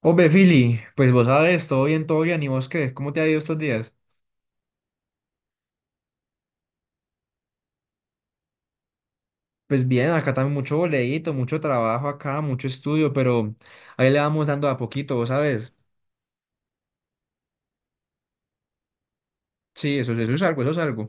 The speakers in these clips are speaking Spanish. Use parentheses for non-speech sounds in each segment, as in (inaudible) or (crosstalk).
Obe, Fili, pues vos sabes, todo bien, ¿y vos qué? ¿Cómo te ha ido estos días? Pues bien, acá también mucho boleíto, mucho trabajo acá, mucho estudio, pero ahí le vamos dando a poquito, vos sabes. Sí, eso es algo, eso es algo.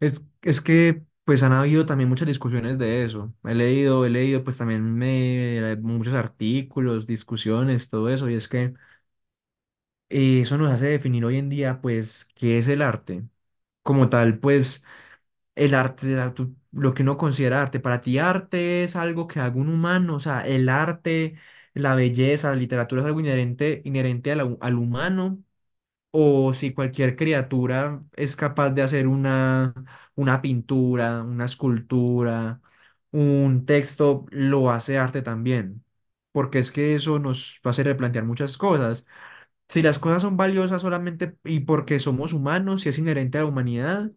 Es que pues han habido también muchas discusiones de eso. He leído pues también muchos artículos, discusiones, todo eso, y es que eso nos hace definir hoy en día pues qué es el arte. Como tal, pues el arte, lo que uno considera arte. Para ti, arte es algo que haga un humano, o sea, el arte, la belleza, la literatura es algo inherente, inherente a humano, o si cualquier criatura es capaz de hacer una pintura, una escultura, un texto, lo hace arte también. Porque es que eso nos va a hacer replantear muchas cosas. Si las cosas son valiosas solamente y porque somos humanos, si es inherente a la humanidad,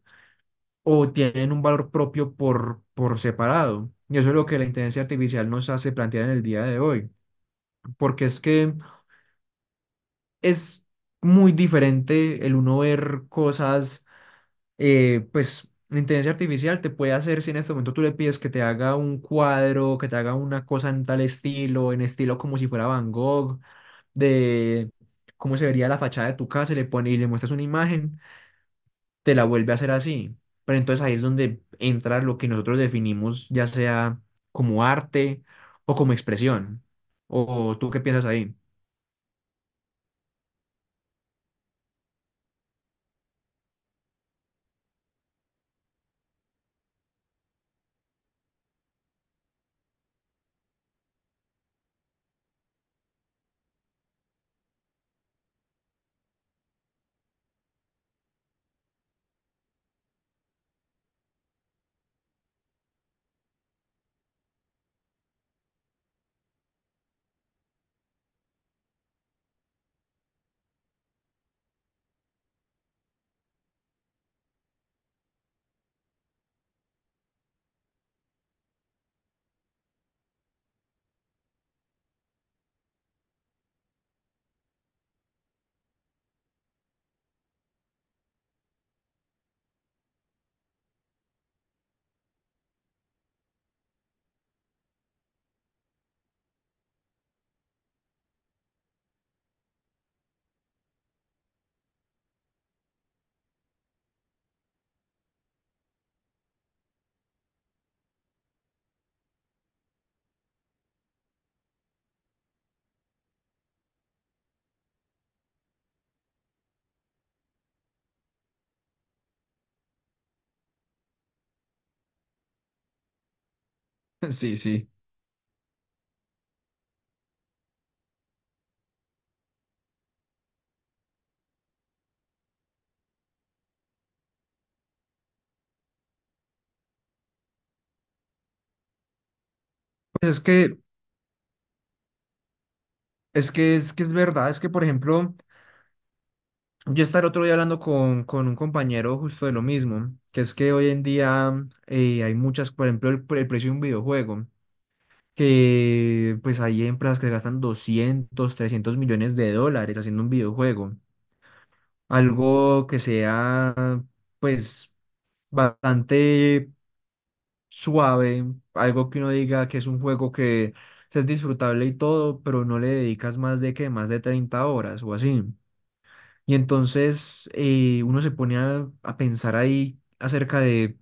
o tienen un valor propio por separado. Y eso es lo que la inteligencia artificial nos hace plantear en el día de hoy, porque es que es muy diferente el uno ver cosas, pues la inteligencia artificial te puede hacer, si en este momento tú le pides que te haga un cuadro, que te haga una cosa en tal estilo, en estilo como si fuera Van Gogh, de cómo se vería la fachada de tu casa, y le pone y le muestras una imagen. Te la vuelve a hacer así. Pero entonces ahí es donde entra lo que nosotros definimos, ya sea como arte o como expresión. ¿O tú qué piensas ahí? (laughs) Sí, sí. Pues es que es verdad, es que por ejemplo, yo estaba el otro día hablando con un compañero justo de lo mismo, que es que hoy en día hay muchas, por ejemplo, el precio de un videojuego, que pues hay empresas que gastan 200, 300 millones de dólares haciendo un videojuego. Algo que sea pues bastante suave, algo que uno diga que es un juego que sí es disfrutable y todo, pero no le dedicas más de que más de 30 horas o así. Y entonces uno se pone a pensar ahí acerca de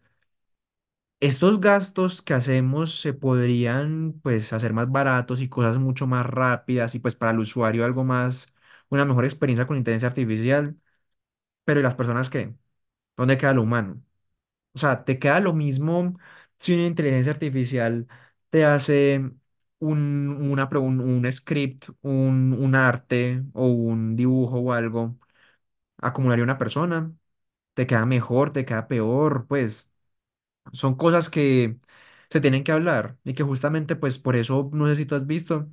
estos gastos que hacemos se podrían pues hacer más baratos y cosas mucho más rápidas y pues para el usuario algo más, una mejor experiencia con inteligencia artificial, pero ¿y las personas qué? ¿Dónde queda lo humano? O sea, te queda lo mismo si una inteligencia artificial te hace un, una un script, un arte o un dibujo o algo, acumularía una persona, te queda mejor, te queda peor, pues son cosas que se tienen que hablar y que justamente pues por eso, no sé si tú has visto,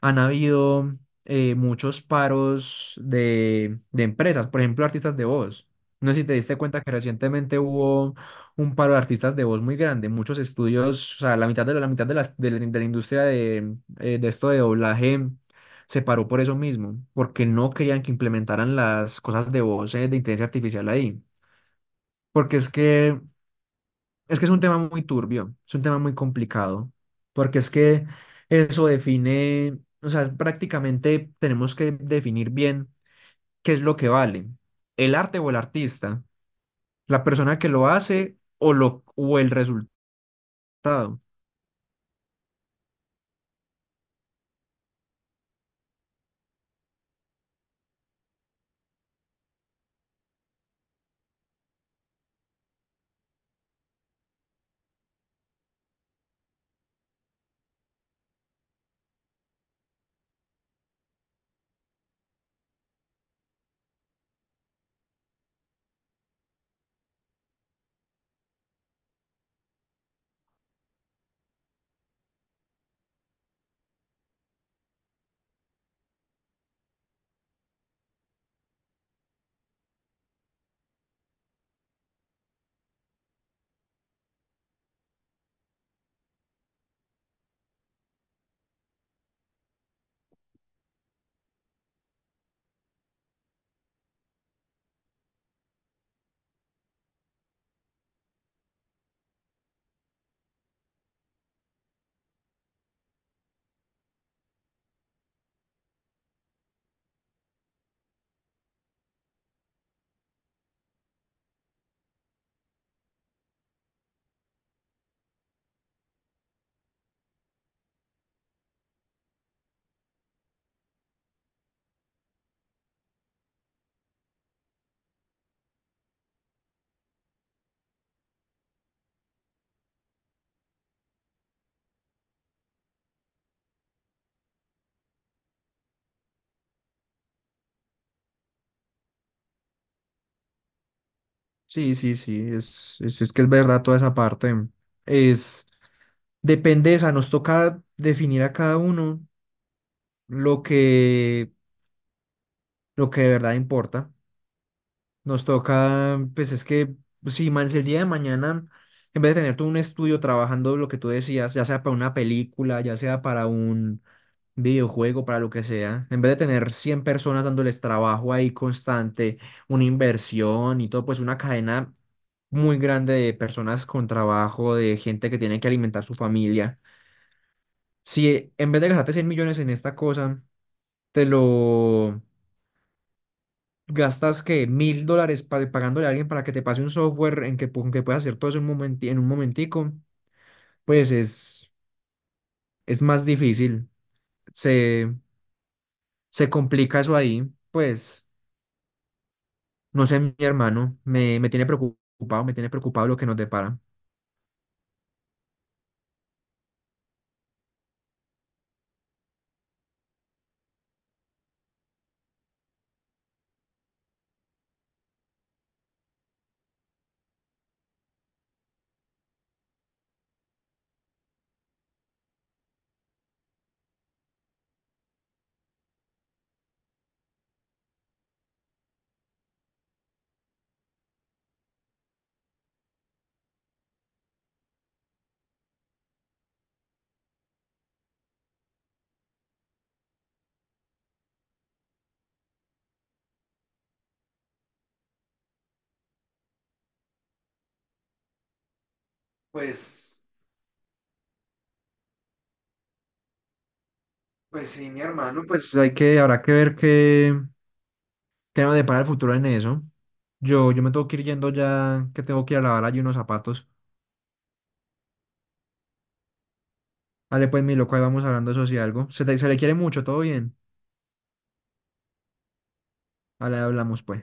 han habido muchos paros de empresas, por ejemplo, artistas de voz. No sé si te diste cuenta que recientemente hubo un paro de artistas de voz muy grande, muchos estudios, o sea, la mitad de la industria de esto de doblaje se paró por eso mismo, porque no querían que implementaran las cosas de voz de inteligencia artificial ahí. Porque es que es un tema muy turbio, es un tema muy complicado, porque es que eso define, o sea, prácticamente tenemos que definir bien qué es lo que vale, el arte o el artista, la persona que lo hace o, lo, o el resultado. Sí, sí, sí, es que es verdad toda esa parte. Es, depende, o sea, nos toca definir a cada uno lo que, lo que de verdad importa. Nos toca, pues es que, si man, si el día de mañana, en vez de tener todo un estudio trabajando lo que tú decías, ya sea para una película, ya sea para un videojuego, para lo que sea, en vez de tener 100 personas dándoles trabajo ahí constante, una inversión y todo, pues una cadena muy grande de personas con trabajo, de gente que tiene que alimentar su familia. Si en vez de gastarte 100 millones en esta cosa, te lo gastas que 1.000 dólares pagándole a alguien para que te pase un software en que, que puedas hacer todo eso en un en un momentico, pues es más difícil. Se, se complica eso ahí. Pues, no sé, mi hermano, me tiene preocupado lo que nos depara. Pues, pues sí, mi hermano, pues hay que, habrá que ver qué, qué nos depara el futuro en eso. Yo me tengo que ir yendo ya, que tengo que ir a lavar allí unos zapatos. Dale, pues, mi loco, ahí vamos hablando eso si algo. Se le quiere mucho, todo bien. Ahora hablamos, pues.